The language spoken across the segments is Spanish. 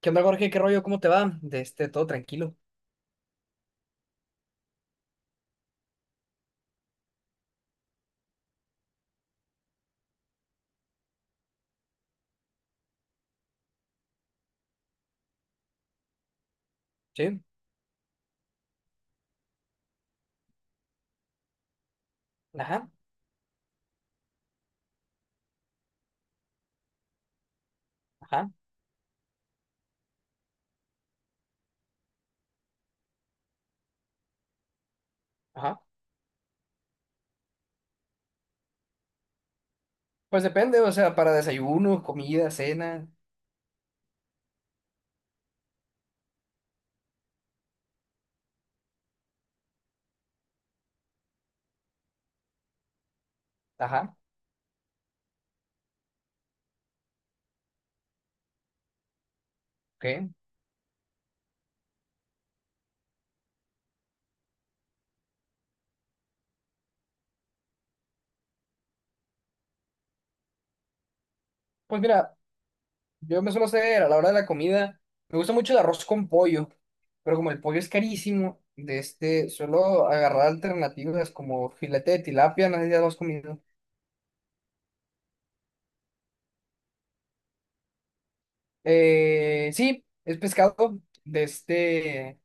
¿Qué onda, Jorge? ¿Qué rollo? ¿Cómo te va? De este, todo tranquilo. Sí. Ajá, ajá, ajá. Pues depende, o sea, para desayuno, comida, cena. Ajá, ok. Pues mira, yo me suelo hacer a la hora de la comida. Me gusta mucho el arroz con pollo, pero como el pollo es carísimo, de este, suelo agarrar alternativas como filete de tilapia, no sé si ya lo has comido. Sí, es pescado, de este.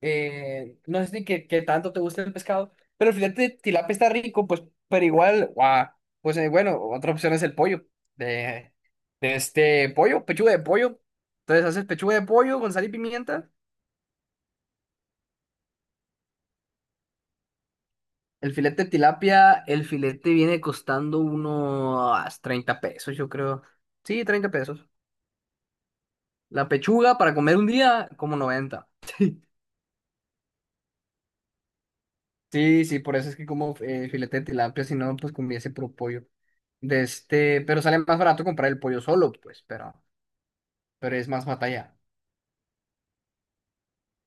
No sé si qué, qué tanto te gusta el pescado, pero el filete de tilapia está rico, pues, pero igual, guau, pues bueno, otra opción es el pollo, de, de este pollo, pechuga de pollo. Entonces haces pechuga de pollo con sal y pimienta. El filete de tilapia, el filete viene costando unos 30 pesos, yo creo. Sí, 30 pesos. La pechuga para comer un día, como 90. Sí, sí, por eso es que como filete de tilapia, si no, pues ese puro pollo. De este, pero sale más barato comprar el pollo solo, pues, pero es más batalla.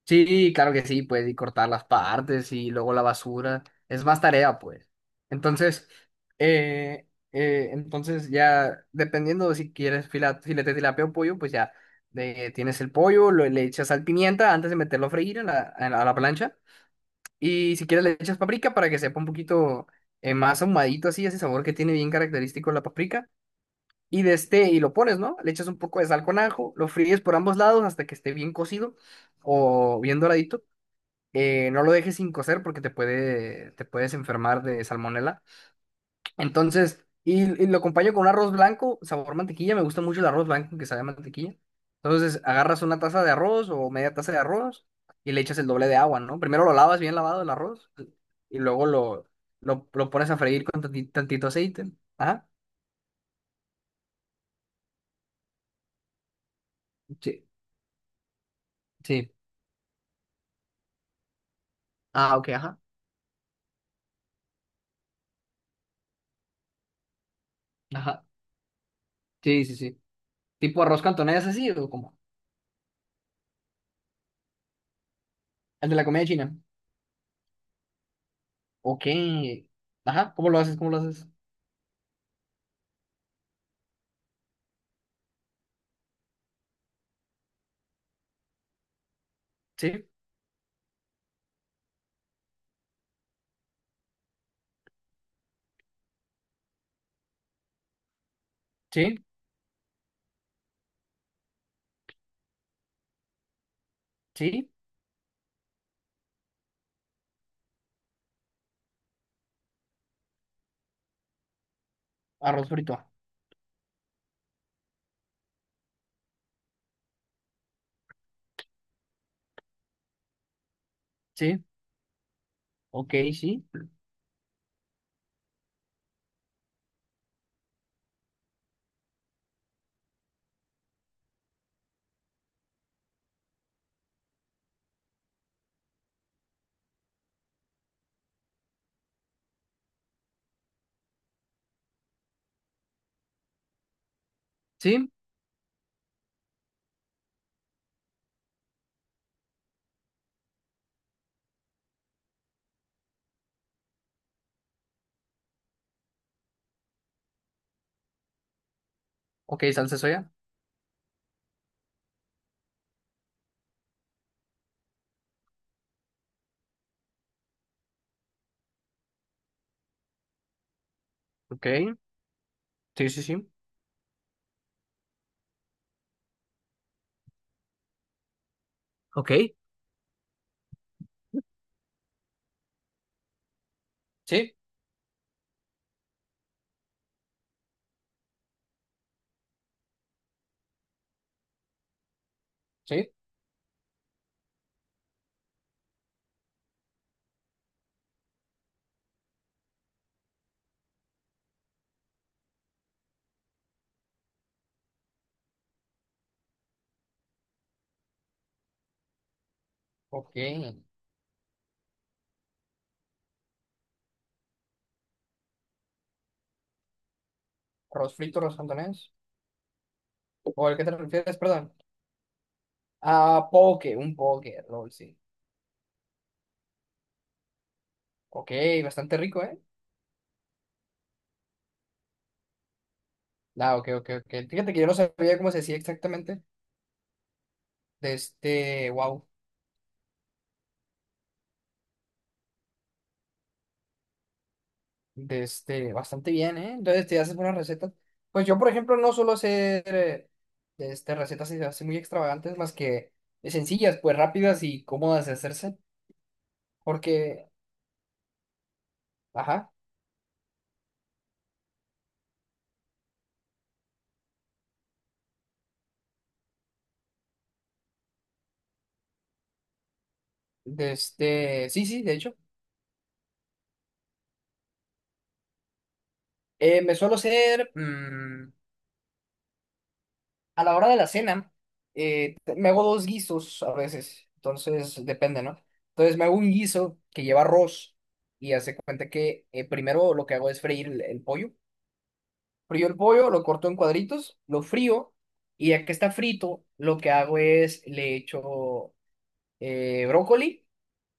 Sí, claro que sí, pues, y cortar las partes y luego la basura. Es más tarea, pues. Entonces, eh, entonces ya, dependiendo de si quieres filete de tilapia o pollo, pues ya tienes el pollo, le echas sal pimienta antes de meterlo a freír a en a la plancha. Y si quieres le echas paprika para que sepa un poquito más ahumadito así, ese sabor que tiene bien característico la paprika. Y de este, y lo pones, ¿no? Le echas un poco de sal con ajo, lo fríes por ambos lados hasta que esté bien cocido o bien doradito. No lo dejes sin cocer porque te puedes enfermar de salmonela. Entonces, y lo acompaño con un arroz blanco, sabor mantequilla. Me gusta mucho el arroz blanco que sabe a mantequilla. Entonces, agarras una taza de arroz o media taza de arroz y le echas el doble de agua, ¿no? Primero lo lavas bien lavado el arroz y lo pones a freír con tantito, aceite. Ajá. Sí, sí. Ah, ok, ajá. Ajá. Sí, sí, sí. Tipo arroz cantonés así o como el de la comida china. Ok. Ajá. ¿Cómo lo haces? ¿Cómo lo haces? Sí, sí, sí. Arroz frito. Sí. Ok, sí. Sí, ok, salsa de soya. Ok. Sí, sí, sí. Ok, sí, sí. Ok. Arroz frito, arroz cantonés. ¿O al que te refieres? Perdón. Ah, poke, un poke, rol, sí. Ok, bastante rico, ¿eh? Ah, ok, ok, ok. Fíjate que yo no sabía cómo se decía exactamente. De este, wow. De este, bastante bien, ¿eh? Entonces te haces buenas recetas. Pues yo, por ejemplo, no suelo hacer de este, recetas así así muy extravagantes, más que sencillas, pues rápidas y cómodas de hacerse. Porque, ajá. De este, sí, sí, de hecho. Me suelo hacer, a la hora de la cena, me hago dos guisos a veces, entonces depende, ¿no? Entonces me hago un guiso que lleva arroz y hace cuenta que primero lo que hago es freír el pollo. Frío el pollo, lo corto en cuadritos, lo frío y ya que está frito, lo que hago es le echo brócoli.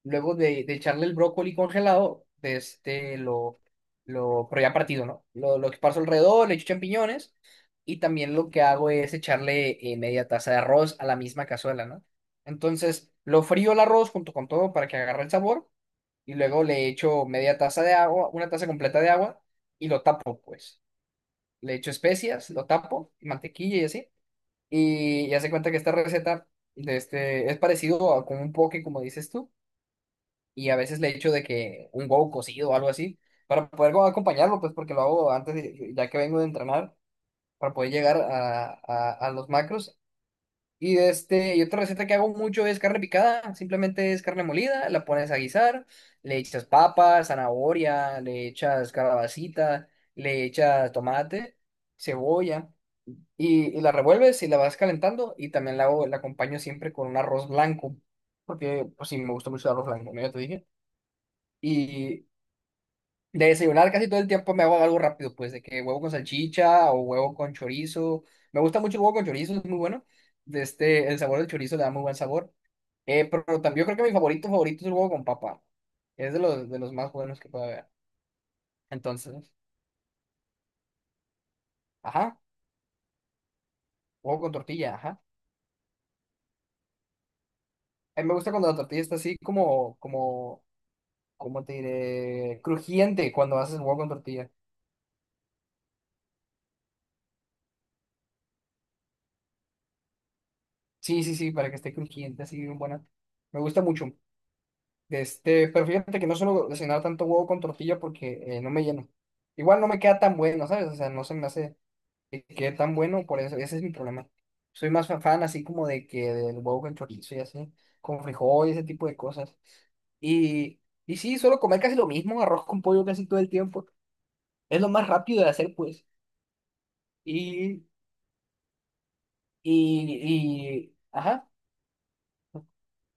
Luego de echarle el brócoli congelado, de este pero ya partido, ¿no? Lo esparzo alrededor, le echo champiñones y también lo que hago es echarle media taza de arroz a la misma cazuela, ¿no? Entonces, lo frío el arroz junto con todo para que agarre el sabor y luego le echo media taza de agua, una taza completa de agua y lo tapo, pues. Le echo especias, lo tapo, mantequilla y así. Y ya se cuenta que esta receta de este, es parecido a como un poke, como dices tú y a veces le echo de que un huevo cocido o algo así, para poder como acompañarlo, pues porque lo hago antes, de- ya que vengo de entrenar, para poder llegar a los macros. Y, este, y otra receta que hago mucho es carne picada, simplemente es carne molida, la pones a guisar, le echas papas, zanahoria, le echas calabacita, le echas tomate, cebolla, y la revuelves y la vas calentando y también la acompaño siempre con un arroz blanco, porque pues sí, me gusta mucho el arroz blanco, ¿no? Ya te dije. De desayunar casi todo el tiempo me hago algo rápido, pues de que huevo con salchicha o huevo con chorizo. Me gusta mucho el huevo con chorizo, es muy bueno. De este, el sabor del chorizo le da muy buen sabor. Pero también yo creo que mi favorito favorito es el huevo con papa. Es de de los más buenos que puede haber. Entonces, ajá, huevo con tortilla, ajá. A mí me gusta cuando la tortilla está así como, ¿cómo te diré? Crujiente cuando haces huevo con tortilla. Sí, sí, sí, para que esté crujiente, así bien buena. Me gusta mucho. De este, pero fíjate que no suelo cocinar tanto huevo con tortilla porque no me lleno. Igual no me queda tan bueno, ¿sabes? O sea, no se me hace que quede tan bueno, por eso, ese es mi problema. Soy más fan así como de que del huevo con chorizo y así, con frijol y ese tipo de cosas. Y, y sí, suelo comer casi lo mismo, arroz con pollo casi todo el tiempo. Es lo más rápido de hacer, pues. Y, y, y, ajá,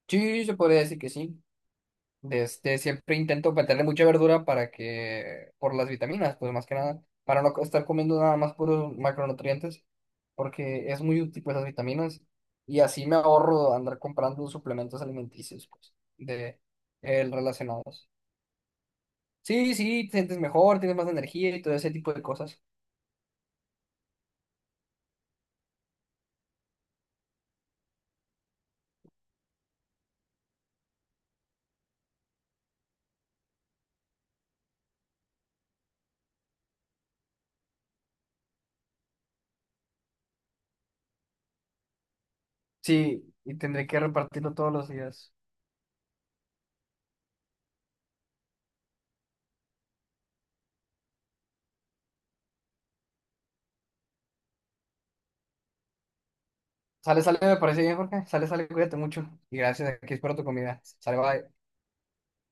sí, se podría decir que sí. Este, siempre intento meterle mucha verdura para que, por las vitaminas, pues más que nada, para no estar comiendo nada más puros macronutrientes, porque es muy útil pues las vitaminas y así me ahorro andar comprando suplementos alimenticios, pues, de el relacionados. Sí, sí, te sientes mejor, tienes más energía y todo ese tipo de cosas. Sí, y tendré que repartirlo todos los días. Sale, sale, me parece bien, Jorge. Sale, sale, cuídate mucho. Y gracias, aquí espero tu comida. Sale, bye.